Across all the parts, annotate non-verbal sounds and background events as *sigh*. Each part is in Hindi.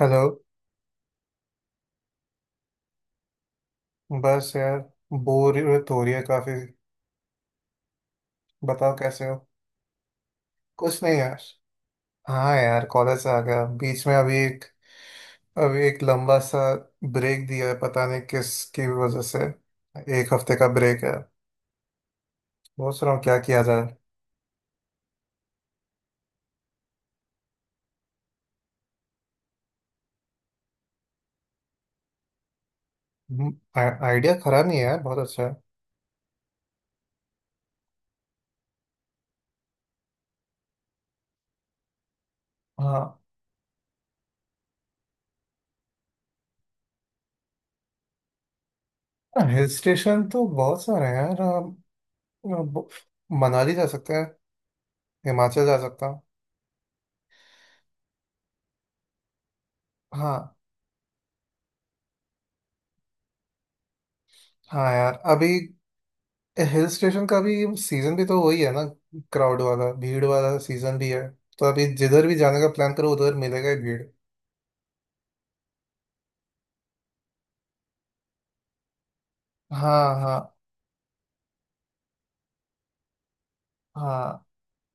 हेलो। बस यार, बोरियत हो रही है काफी। बताओ कैसे हो। कुछ नहीं यार। हाँ यार, कॉलेज से आ गया बीच में। अभी एक लंबा सा ब्रेक दिया है, पता नहीं किसकी वजह से। एक हफ्ते का ब्रेक है। सोच रहा हूँ क्या किया जाए। आइडिया खराब नहीं है यार, बहुत अच्छा है। हाँ। हिल स्टेशन तो बहुत सारे हैं यार। हम- मनाली जा सकते हैं, हिमाचल जा सकता हूँ। हाँ। हाँ यार, अभी हिल स्टेशन का भी सीजन भी तो वही है ना, क्राउड वाला भीड़ वाला सीजन भी है। तो अभी जिधर भी जाने का प्लान करो उधर मिलेगा ही भीड़। हाँ हाँ हाँ।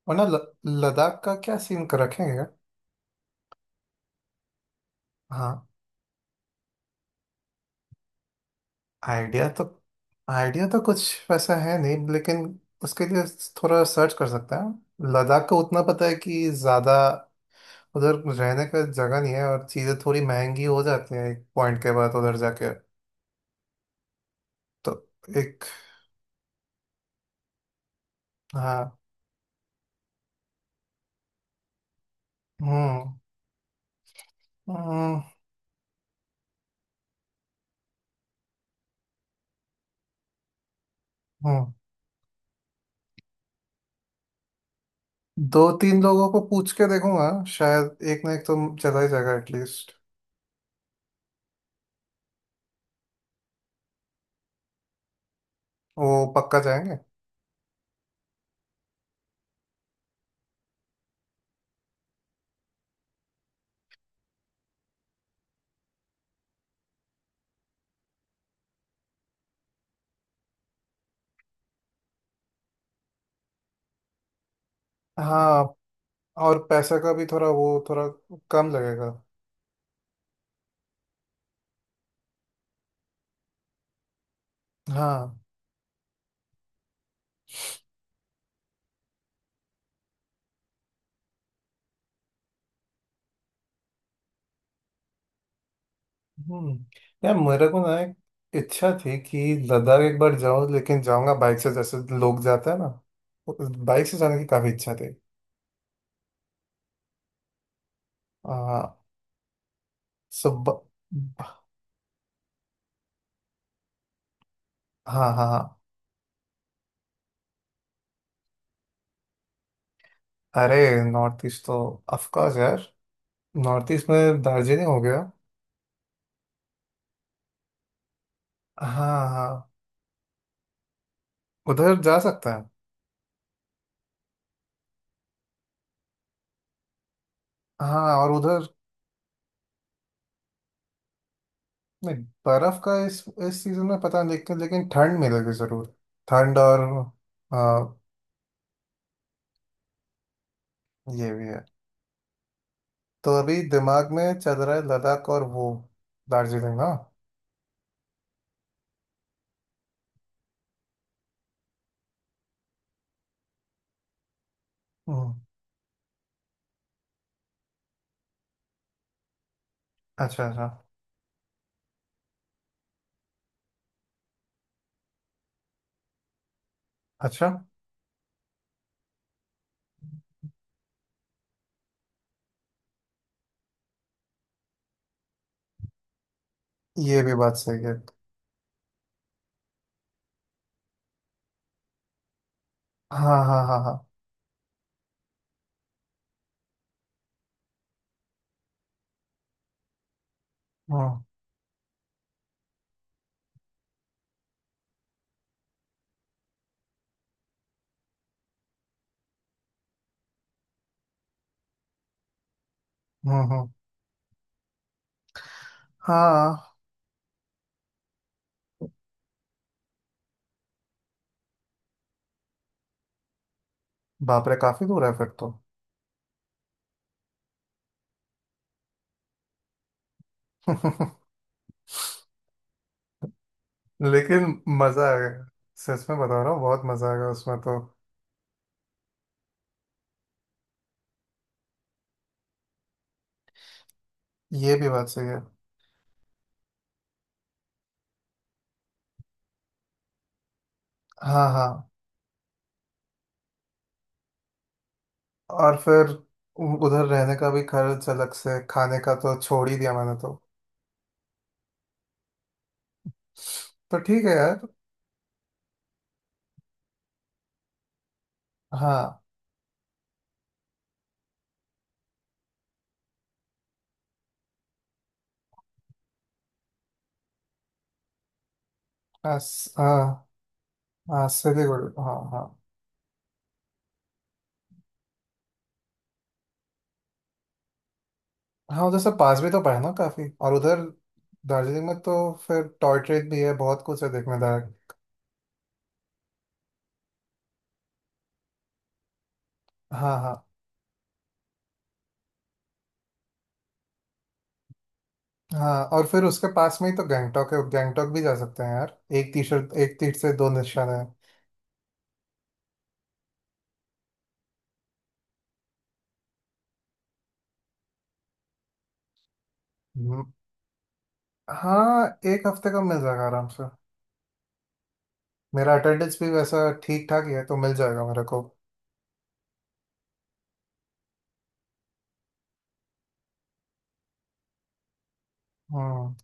वरना ल- लद्दाख का क्या सीन कर रखेंगे यार? हाँ। आइडिया तो आइडिया तो कुछ वैसा है नहीं, लेकिन उसके लिए थोड़ा सर्च कर सकते हैं। लद्दाख का उतना पता है कि ज़्यादा उधर रहने का जगह नहीं है, और चीज़ें थोड़ी महंगी हो जाती हैं एक पॉइंट के बाद उधर जाके। तो एक। हाँ। हम्म हम्म। हाँ। दो तीन लोगों को पूछ के देखूंगा, शायद एक ना एक तो चला ही जाएगा एटलीस्ट। वो पक्का जाएंगे। हाँ, और पैसा का भी थोड़ा वो थोड़ा कम लगेगा। हाँ। हम्म। यार मेरे को ना एक इच्छा थी कि लद्दाख एक बार जाऊं, लेकिन जाऊंगा बाइक से जैसे लोग जाते हैं ना। बाइक से जाने की काफी इच्छा थी। हाँ। सब। हाँ हाँ हाँ। अरे नॉर्थ ईस्ट तो ऑफ कोर्स यार। नॉर्थ ईस्ट में दार्जिलिंग हो गया। हाँ हाँ। उधर जा सकता है। हाँ, और उधर। नहीं, बर्फ का इस सीजन में पता नहीं, लेकिन लेकिन ठंड मिलेगी जरूर। ठंड और। आ, ये भी है। तो अभी दिमाग में चल रहा है लद्दाख और वो दार्जिलिंग ना। हम्म, अच्छा अच्छा अच्छा। ये भी बात सही है। हाँ हाँ हाँ हाँ। हम्म हम्म हम्म, हाँ। बाप रे, काफी दूर है फिर तो। *laughs* लेकिन मजा आएगा, सच में बता रहा हूँ, बहुत मजा आएगा उसमें तो। ये भी बात सही है। हाँ हाँ। और फिर उधर रहने का भी खर्च अलग से, खाने का तो छोड़ ही दिया मैंने तो। तो ठीक है यार। हाँ। आस, हाँ। हाँ सिलीगुड़ी हाँ हाँ। हाँ, उधर से पास भी तो पड़े ना काफी। और उधर दार्जिलिंग में तो फिर टॉय ट्रेन भी है, बहुत कुछ है देखने लायक। हाँ हाँ हाँ। और फिर उसके पास में ही तो गैंगटॉक है, गैंगटॉक भी जा सकते हैं यार, एक तीर से। एक तीर से दो निशान है। हम्म, हाँ। एक हफ्ते का मिल जाएगा आराम से। मेरा अटेंडेंस भी वैसा ठीक ठाक ही है, तो मिल जाएगा मेरे को। हम्म।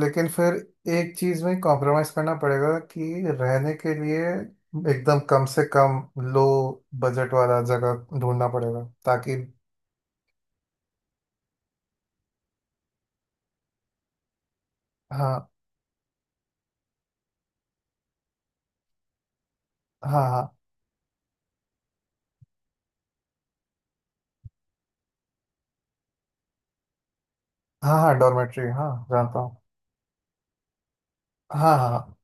लेकिन फिर एक चीज में कॉम्प्रोमाइज करना पड़ेगा कि रहने के लिए एकदम कम से कम लो बजट वाला जगह ढूंढना पड़ेगा, ताकि। हाँ हाँ हाँ हाँ। हाँ डॉर्मेट्री हाँ जानता हूँ। हाँ हाँ हाँ,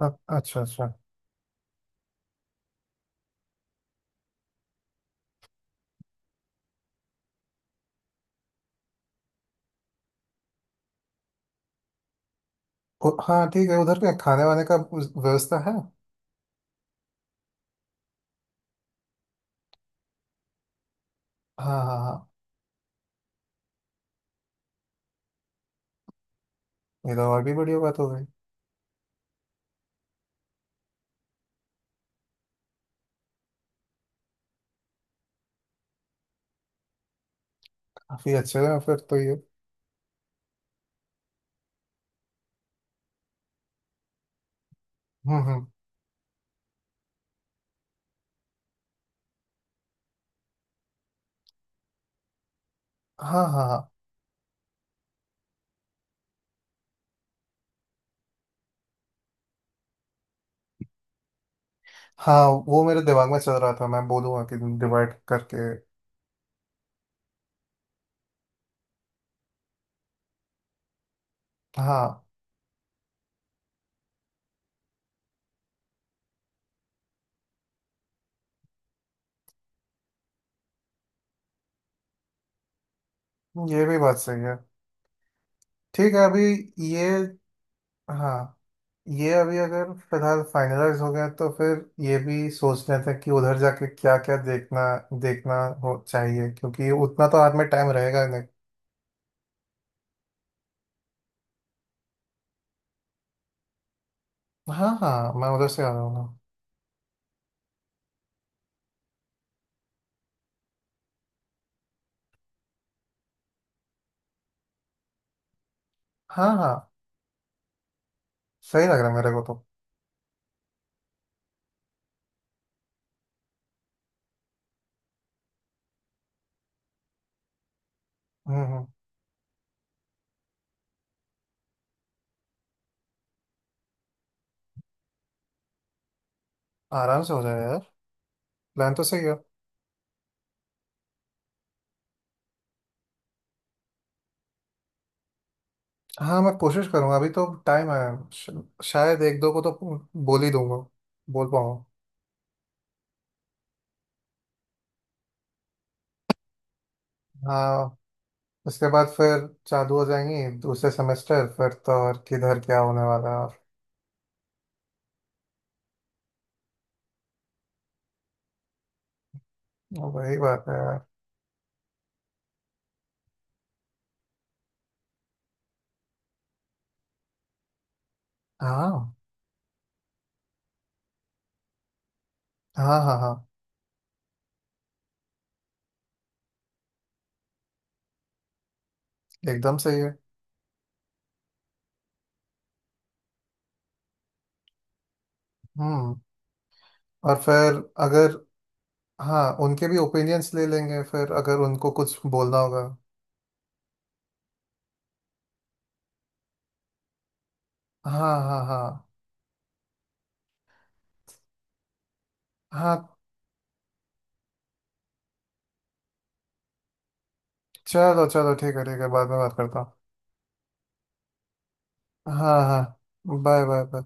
अच्छा अच्छा। हाँ ठीक है, उधर क्या खाने वाने का व्यवस्था है। हाँ हाँ हाँ। ये तो और भी बढ़िया बात हो गई। काफी अच्छे हैं फिर तो ये। हम्म। हाँ हाँ हाँ हाँ। वो मेरे दिमाग में चल रहा था, मैं बोलूँगा कि डिवाइड करके। हाँ। ये भी बात सही है। ठीक है अभी। ये। हाँ। ये अभी अगर फिलहाल फाइनलाइज हो गया तो फिर ये भी सोच लेते हैं कि उधर जाके क्या क्या देखना, देखना हो चाहिए, क्योंकि उतना तो हाथ में टाइम रहेगा ही नहीं। हाँ हाँ, मैं उधर से आ जाऊंगा। हाँ हाँ। सही लग रहा है मेरे को तो। हम्म। आराम से हो जाएगा यार। प्लान तो सही है। हाँ, मैं कोशिश करूंगा, अभी तो टाइम है। श- शायद एक दो को तो बोल ही दूंगा, बोल पाऊंगा। हाँ, उसके बाद फिर चालू हो जाएंगी दूसरे सेमेस्टर, फिर तो और किधर क्या होने वाला है। और वही बात है यार। हाँ हाँ हाँ हाँ। एकदम सही है। हम्म। और फिर अगर। हाँ, उनके भी ओपिनियंस ले लेंगे फिर अगर उनको कुछ बोलना होगा। हाँ हाँ हाँ हाँ। चलो चलो ठीक है, ठीक है बाद में बात करता हूँ। हाँ हाँ। Bye bye bye.